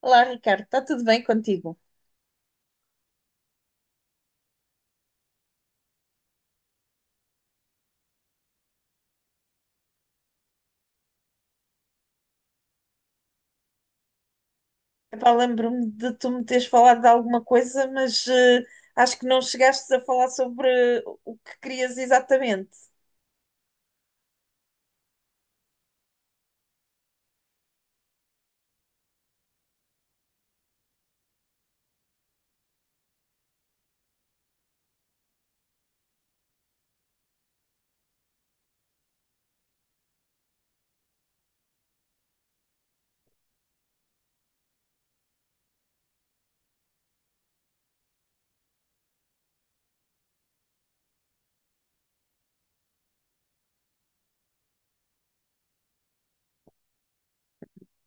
Olá, Ricardo, está tudo bem contigo? Epá, lembro-me de tu me teres falado de alguma coisa, mas acho que não chegaste a falar sobre o que querias exatamente.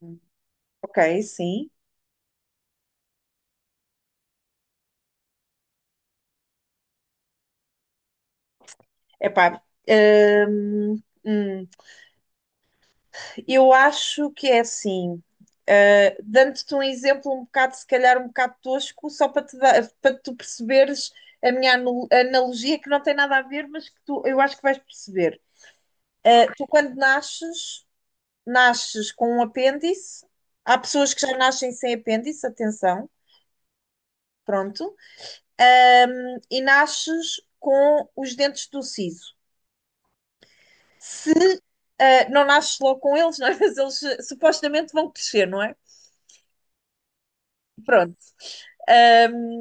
Hum. Ok, sim. Epá, hum, hum, eu acho que é assim. Dando-te um exemplo um bocado, se calhar um bocado tosco, só para te dar, para tu perceberes a minha analogia que não tem nada a ver, mas que tu, eu acho que vais perceber. Tu quando nasces nasces com um apêndice. Há pessoas que já nascem sem apêndice, atenção, pronto. E nasces com os dentes do siso. Se não nasces logo com eles, não é? Mas eles supostamente vão crescer, não é? Pronto. Um,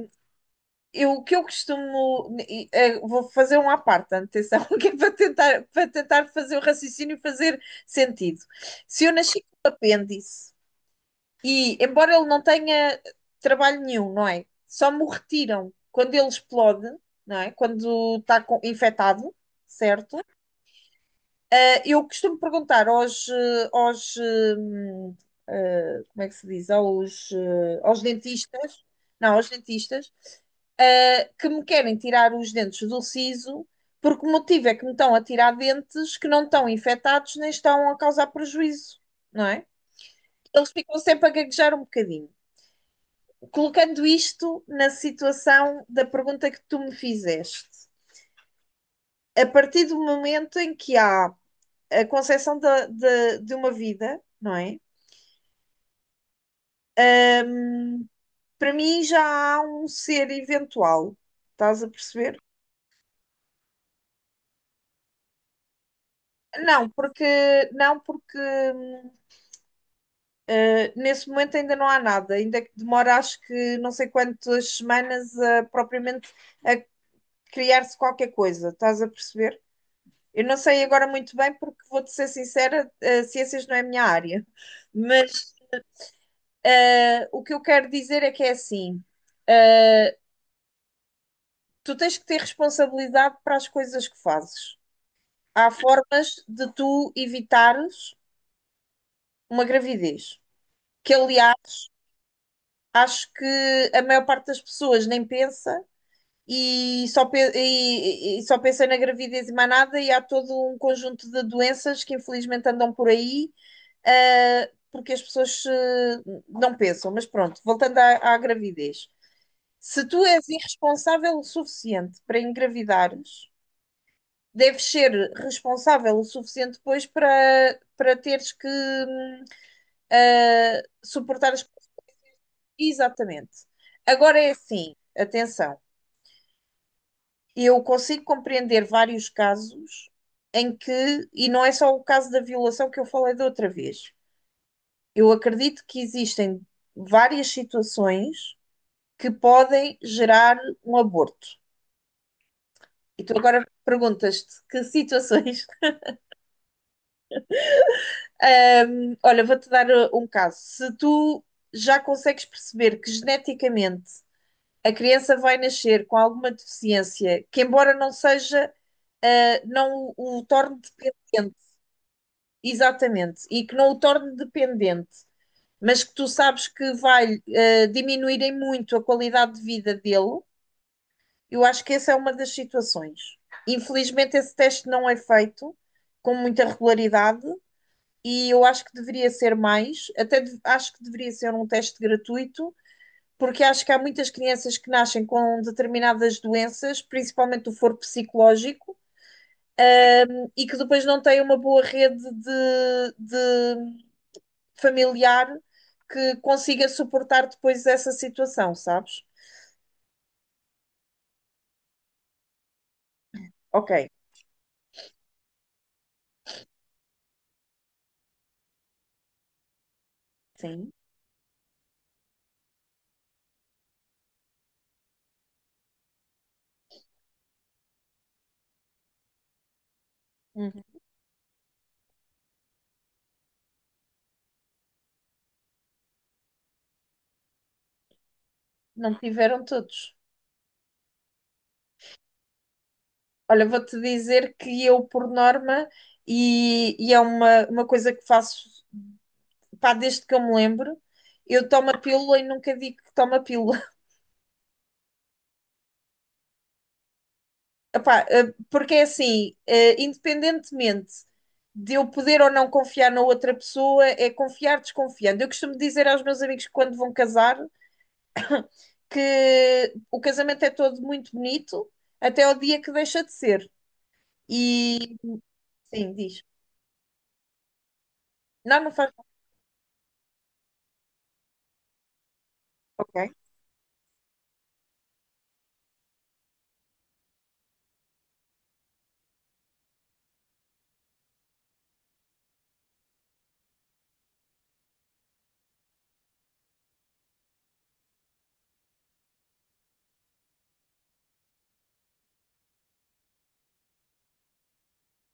eu, o que eu costumo. Vou fazer um à parte, atenção, que é para tentar fazer o raciocínio fazer sentido. Se eu nasci com um apêndice e, embora ele não tenha trabalho nenhum, não é? Só me o retiram quando ele explode, não é? Quando está infectado, certo? Eh, eu costumo perguntar aos, hum, eh, como é que se diz? Aos, aos dentistas, não, aos dentistas, que me querem tirar os dentes do siso, porque o motivo é que me estão a tirar dentes que não estão infectados nem estão a causar prejuízo, não é? Eles ficam sempre a gaguejar um bocadinho. Colocando isto na situação da pergunta que tu me fizeste, a partir do momento em que há a concepção de uma vida, não é? Para mim já há um ser eventual, estás a perceber? Não, porque não, porque hum, nesse momento ainda não há nada, ainda que demora acho que não sei quantas semanas a propriamente criar-se qualquer coisa, estás a perceber? Eu não sei agora muito bem, porque vou-te ser sincera, ciências não é a minha área. Mas o que eu quero dizer é que é assim: eh, tu tens que ter responsabilidade para as coisas que fazes. Há formas de tu evitares uma gravidez, que aliás acho que a maior parte das pessoas nem pensa e só, pe- e só pensa na gravidez e mais nada, e há todo um conjunto de doenças que infelizmente andam por aí. Porque as pessoas não pensam. Mas pronto, voltando à, à gravidez. Se tu és irresponsável o suficiente para engravidares, deves ser responsável o suficiente depois para, para teres que suportar as. Exatamente. Agora é assim, atenção, eu consigo compreender vários casos em que, e não é só o caso da violação que eu falei da outra vez, eu acredito que existem várias situações que podem gerar um aborto. E tu agora perguntas-te que situações. Olha, vou-te dar um caso. Se tu já consegues perceber que geneticamente a criança vai nascer com alguma deficiência, que embora não seja, ah, não o, o torne dependente, exatamente, e que não o torne dependente, mas que tu sabes que vai ah, diminuir em muito a qualidade de vida dele, eu acho que essa é uma das situações. Infelizmente, esse teste não é feito com muita regularidade e eu acho que deveria ser mais, acho que deveria ser um teste gratuito, porque acho que há muitas crianças que nascem com determinadas doenças, principalmente do foro psicológico, e que depois não têm uma boa rede de familiar que consiga suportar depois essa situação, sabes? Ok, sim. Uhum. Não tiveram todos. Olha, vou-te dizer que eu, por norma, e é uma coisa que faço, pá, desde que eu me lembro, eu tomo a pílula e nunca digo que tomo a pílula. Epá, porque é assim, independentemente de eu poder ou não confiar na outra pessoa, é confiar desconfiando. Eu costumo dizer aos meus amigos que quando vão casar que o casamento é todo muito bonito até o dia que deixa de ser. E sim, diz. Não, não faz mal. Ok.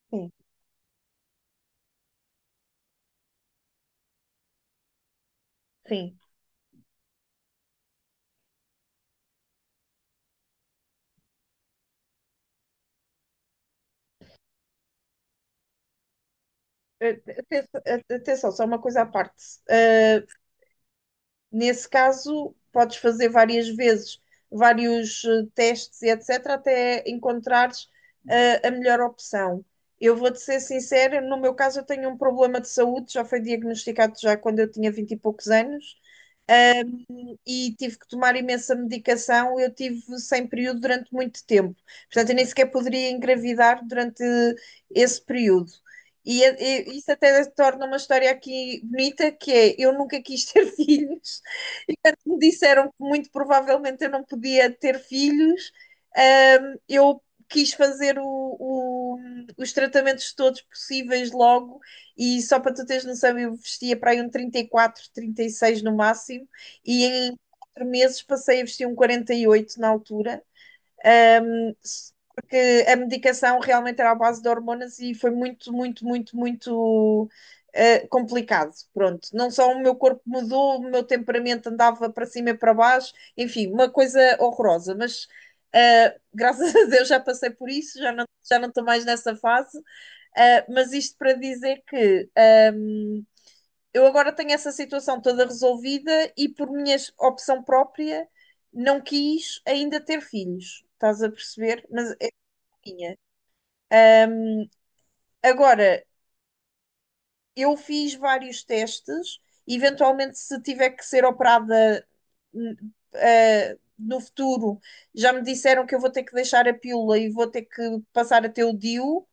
Sim, sim. Eh, atenção, atenção, só uma coisa à parte. Ah, nesse caso, podes fazer várias vezes, vários testes e etc., até encontrares a melhor opção. Eu vou-te ser sincera, no meu caso, eu tenho um problema de saúde, já foi diagnosticado já quando eu tinha 20 e poucos anos, e tive que tomar imensa medicação. Eu tive sem período durante muito tempo, portanto, eu nem sequer poderia engravidar durante esse período. E isso até torna uma história aqui bonita, que é, eu nunca quis ter filhos, que me disseram que muito provavelmente eu não podia ter filhos, eu quis fazer os tratamentos todos possíveis logo e só para tu teres noção, eu vestia para aí um 34, 36 no máximo e em 4 meses passei a vestir um 48 na altura. Um, porque a medicação realmente era à base de hormonas e foi muito complicado. Pronto, não só o meu corpo mudou, o meu temperamento andava para cima e para baixo, enfim, uma coisa horrorosa, mas. Graças a Deus já passei por isso, já não estou mais nessa fase. Mas isto para dizer que eu agora tenho essa situação toda resolvida e por minha opção própria não quis ainda ter filhos, estás a perceber? Mas tinha. Agora, eu fiz vários testes, eventualmente se tiver que ser operada n- no futuro, já me disseram que eu vou ter que deixar a pílula e vou ter que passar a ter o DIU.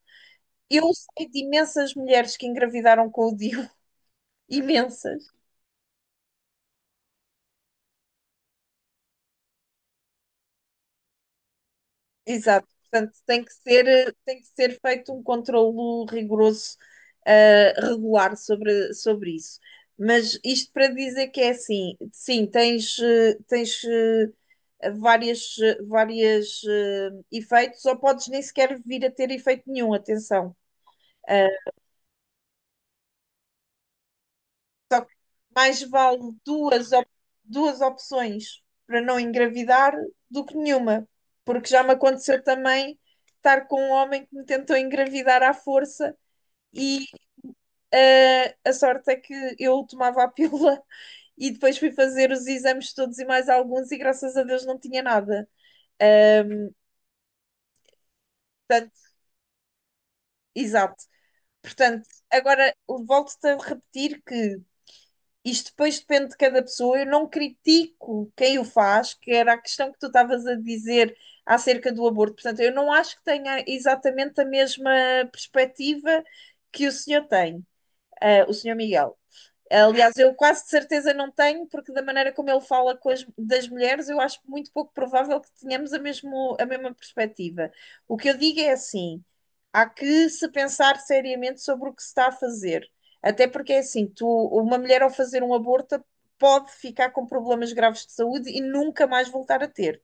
Eu sei de imensas mulheres que engravidaram com o DIU, imensas. Exato, portanto tem que ser feito um controlo rigoroso, regular sobre, sobre isso. Mas isto para dizer que é assim, sim, tens, tens várias efeitos, ou podes nem sequer vir a ter efeito nenhum, atenção. Só que mais vale duas, op- duas opções para não engravidar do que nenhuma. Porque já me aconteceu também estar com um homem que me tentou engravidar à força e a sorte é que eu tomava a pílula e depois fui fazer os exames todos e mais alguns e graças a Deus não tinha nada. Portanto, exato. Portanto, agora volto-te a repetir que isto depois depende de cada pessoa. Eu não critico quem o faz, que era a questão que tu estavas a dizer acerca do aborto. Portanto, eu não acho que tenha exatamente a mesma perspectiva que o senhor tem, ah, o senhor Miguel. Aliás, eu quase de certeza não tenho, porque da maneira como ele fala das mulheres, eu acho muito pouco provável que tenhamos a, mesmo, a mesma perspectiva. O que eu digo é assim: há que se pensar seriamente sobre o que se está a fazer. Até porque é assim, tu, uma mulher ao fazer um aborto pode ficar com problemas graves de saúde e nunca mais voltar a ter.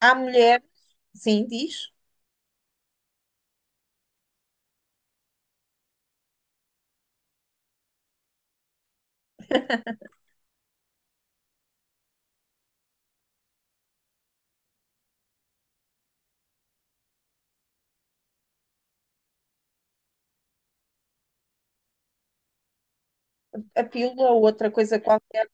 Há mulher, sim, diz, a pílula ou outra coisa qualquer.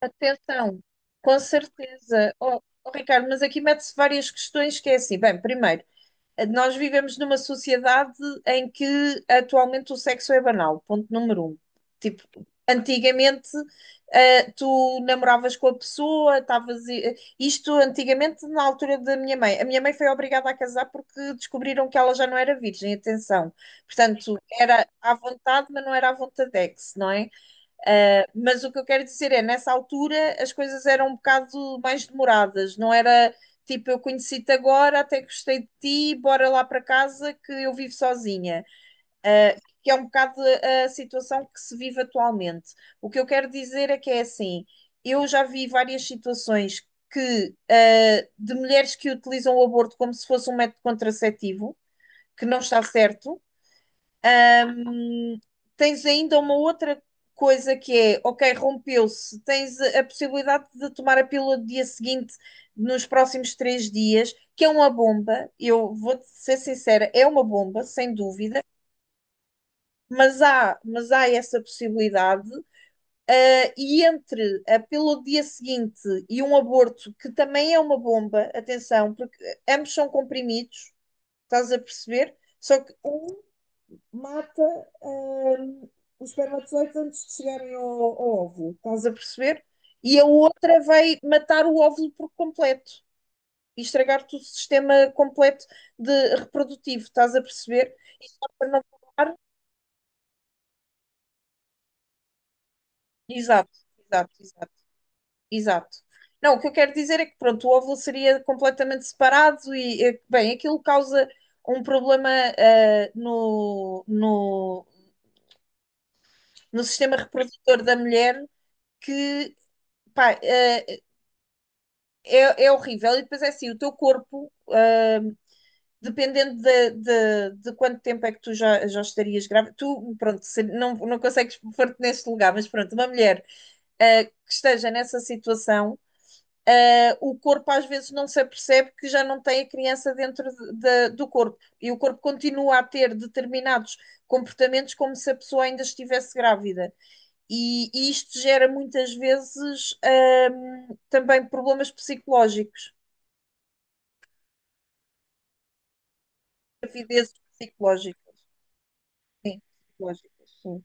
Atenção, com certeza. Oh, oh, Ricardo, mas aqui mete-se várias questões que é assim. Bem, primeiro, nós vivemos numa sociedade em que atualmente o sexo é banal, ponto número um. Tipo, antigamente, tu namoravas com a pessoa, estavas. Isto antigamente, na altura da minha mãe. A minha mãe foi obrigada a casar porque descobriram que ela já não era virgem, atenção. Portanto, era à vontade, mas não era à vontadex, não é? Mas o que eu quero dizer é, nessa altura as coisas eram um bocado mais demoradas, não era tipo eu conheci-te agora, até gostei de ti, bora lá para casa que eu vivo sozinha. Ah, que é um bocado a situação que se vive atualmente. O que eu quero dizer é que é assim, eu já vi várias situações que ah, de mulheres que utilizam o aborto como se fosse um método contraceptivo, que não está certo. Hum, tens ainda uma outra coisa que é, ok, rompeu-se, tens a possibilidade de tomar a pílula do dia seguinte, nos próximos 3 dias, que é uma bomba. Eu vou ser sincera, é uma bomba, sem dúvida, mas há essa possibilidade. E entre a pílula do dia seguinte e um aborto, que também é uma bomba, atenção, porque ambos são comprimidos, estás a perceber? Só que um mata hum, os espermatozoides antes de chegarem ao, ao óvulo, estás a perceber? E a outra vai matar o óvulo por completo e estragar-te o sistema completo de reprodutivo, estás a perceber? E só para não falar, exato, exato, exato, exato. Não, o que eu quero dizer é que pronto, o óvulo seria completamente separado e, bem, aquilo causa um problema ah, no sistema reprodutor da mulher que, pá, ah, é, é horrível. E depois é assim, o teu corpo, dependendo de quanto tempo é que tu já estarias grávida, tu, pronto, não, não consegues pôr-te neste lugar, mas pronto, uma mulher, que esteja nessa situação, o corpo às vezes não se apercebe que já não tem a criança dentro do corpo. E o corpo continua a ter determinados comportamentos como se a pessoa ainda estivesse grávida. E isto gera muitas vezes, também problemas psicológicos. Gravidezes psicológicas. Psicológicas, sim.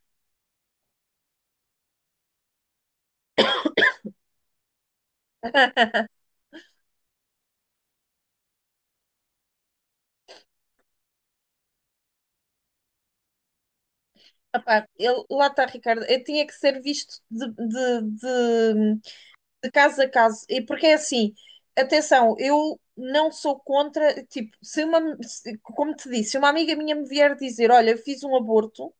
Epá, lá está, Ricardo. Tinha que ser visto de caso a caso. E porque é assim, atenção, eu não sou contra. Tipo, se uma, se- como te disse, se uma amiga minha me vier dizer: Olha, eu fiz um aborto.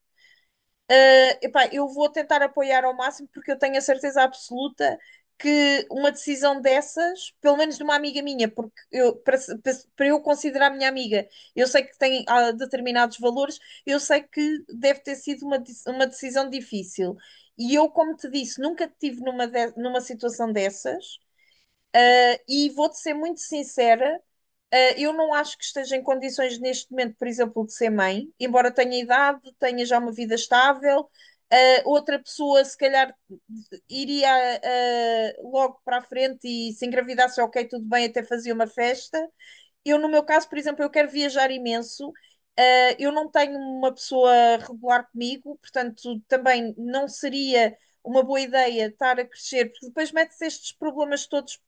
Epá, eu vou tentar apoiar ao máximo porque eu tenho a certeza absoluta que uma decisão dessas, pelo menos de uma amiga minha, porque eu, para, se- para se- para eu considerar minha amiga, eu sei que tem determinados valores, eu sei que deve ter sido uma decisão difícil. E eu, como te disse, nunca estive numa situação dessas. E vou-te ser muito sincera. Eu não acho que esteja em condições neste momento, por exemplo, de ser mãe, embora tenha idade, tenha já uma vida estável. Outra pessoa, se calhar, iria logo para a frente e se engravidasse, ok, tudo bem, até fazia uma festa. Eu, no meu caso, por exemplo, eu quero viajar imenso. Eu não tenho uma pessoa regular comigo, portanto, também não seria uma boa ideia estar a crescer, porque depois mete-se estes problemas todos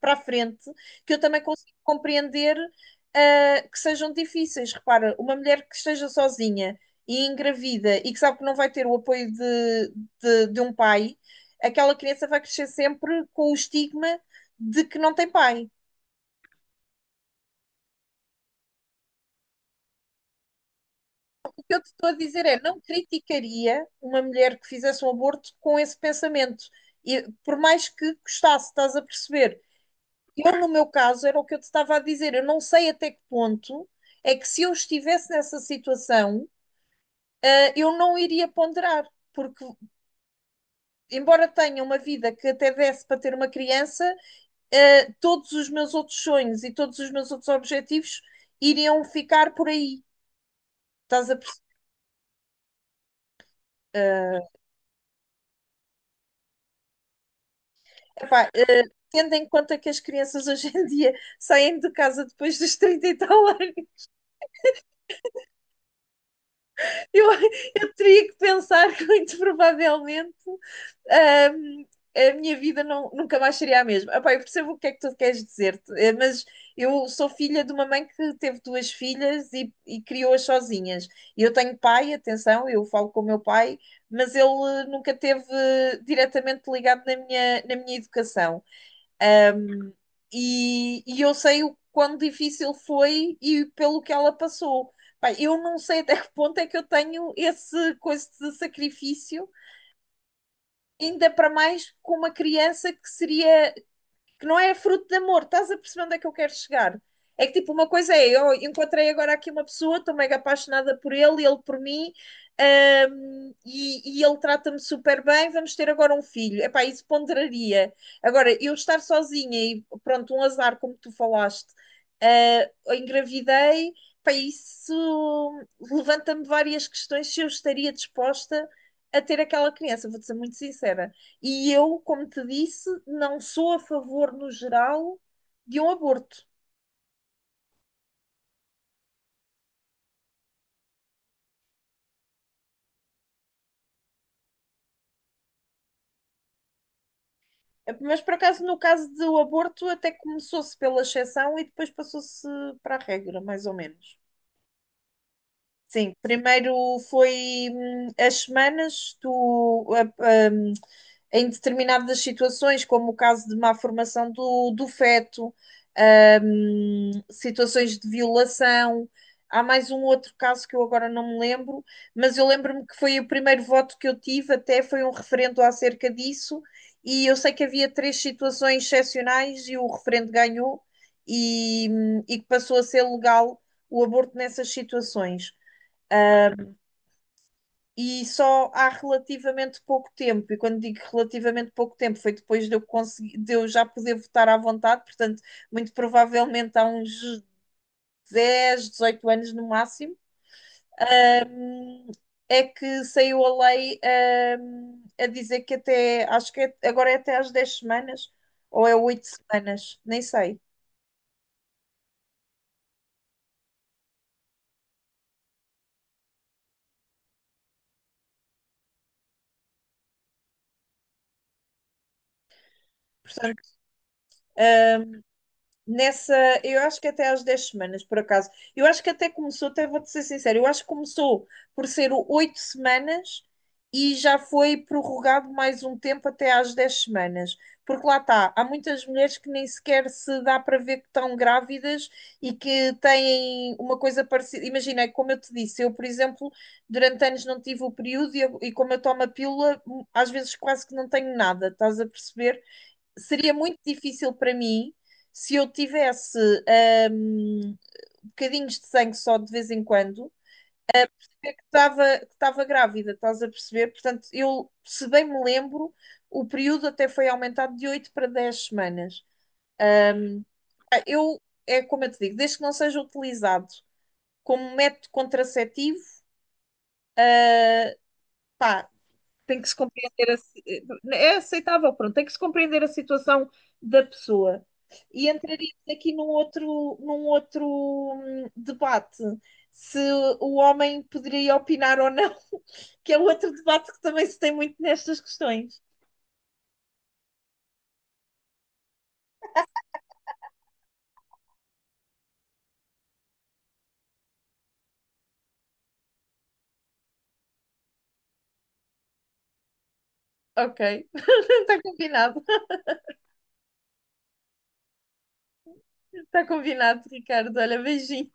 para a frente, que eu também consigo compreender que sejam difíceis. Repara, uma mulher que esteja sozinha e engravida e que sabe que não vai ter o apoio de um pai, aquela criança vai crescer sempre com o estigma de que não tem pai. O que eu te estou a dizer é, não criticaria uma mulher que fizesse um aborto com esse pensamento. E por mais que custasse, estás a perceber? Eu, no meu caso, era o que eu te estava a dizer. Eu não sei até que ponto é que se eu estivesse nessa situação, eu não iria ponderar. Porque, embora tenha uma vida que até desse para ter uma criança, todos os meus outros sonhos e todos os meus outros objetivos iriam ficar por aí. Estás a perceber? Epá, tendo em conta que as crianças hoje em dia saem de casa depois dos 30 e tal anos, eu, eu teria que pensar que muito provavelmente, ahm, a minha vida nunca mais seria a mesma. Epá, eu percebo o que é que tu queres dizer, mas eu sou filha de uma mãe que teve duas filhas e, criou-as sozinhas. E eu tenho pai, atenção, eu falo com o meu pai, mas ele nunca teve diretamente ligado na minha educação. E eu sei o quão difícil foi e pelo que ela passou. Pá, eu não sei até que ponto é que eu tenho esse coisa de sacrifício ainda para mais com uma criança que seria, que não é fruto de amor, estás a perceber onde é que eu quero chegar? É que tipo, uma coisa é, eu encontrei agora aqui uma pessoa, estou mega apaixonada por ele, ele por mim, e ele trata-me super bem, vamos ter agora um filho. Epá, isso ponderaria. Agora, eu estar sozinha e pronto, um azar, como tu falaste, engravidei, epá, isso levanta-me várias questões se eu estaria disposta a ter aquela criança, vou-te ser muito sincera. E eu, como te disse, não sou a favor, no geral, de um aborto. É, mas, por acaso, no caso do aborto, até começou-se pela exceção e depois passou-se para a regra, mais ou menos. Sim, primeiro foi as semanas, tu, em determinadas situações, como o caso de má formação do feto, situações de violação. Há mais um outro caso que eu agora não me lembro, mas eu lembro-me que foi o primeiro voto que eu tive, até foi um referendo acerca disso, e eu sei que havia três situações excepcionais e o referendo ganhou e que passou a ser legal o aborto nessas situações e só há relativamente pouco tempo, e quando digo relativamente pouco tempo, foi depois de eu, conseguir, de eu já poder votar à vontade, portanto, muito provavelmente há uns 10 18 anos no máximo, um, é que saiu a lei, a dizer que até, acho que agora é até às 10 semanas, ou é 8 semanas, nem sei. Portanto, nessa, eu acho que até às 10 semanas, por acaso. Eu acho que até começou, até vou-te ser sincero, eu acho que começou por ser o 8 semanas e já foi prorrogado mais um tempo até às 10 semanas. Porque lá está, há muitas mulheres que nem sequer se dá para ver que estão grávidas e que têm uma coisa parecida. Imagina, como eu te disse, eu, por exemplo, durante anos não tive o período e, e como eu tomo a pílula, às vezes quase que não tenho nada, estás a perceber? Seria muito difícil para mim se eu tivesse hum, bocadinhos de sangue só de vez em quando, é que estava grávida, estás a perceber? Portanto, eu, se bem me lembro, o período até foi aumentado de 8 para 10 semanas. Ah, Eu, É como eu te digo, desde que não seja utilizado como método contraceptivo, pá, tem que se compreender é aceitável, pronto, tem que se compreender a situação da pessoa. E entraríamos aqui num outro debate, se o homem poderia opinar ou não, que é um outro debate que também se tem muito nestas questões. Ok, está combinado, está combinado, Ricardo. Olha, beijinho.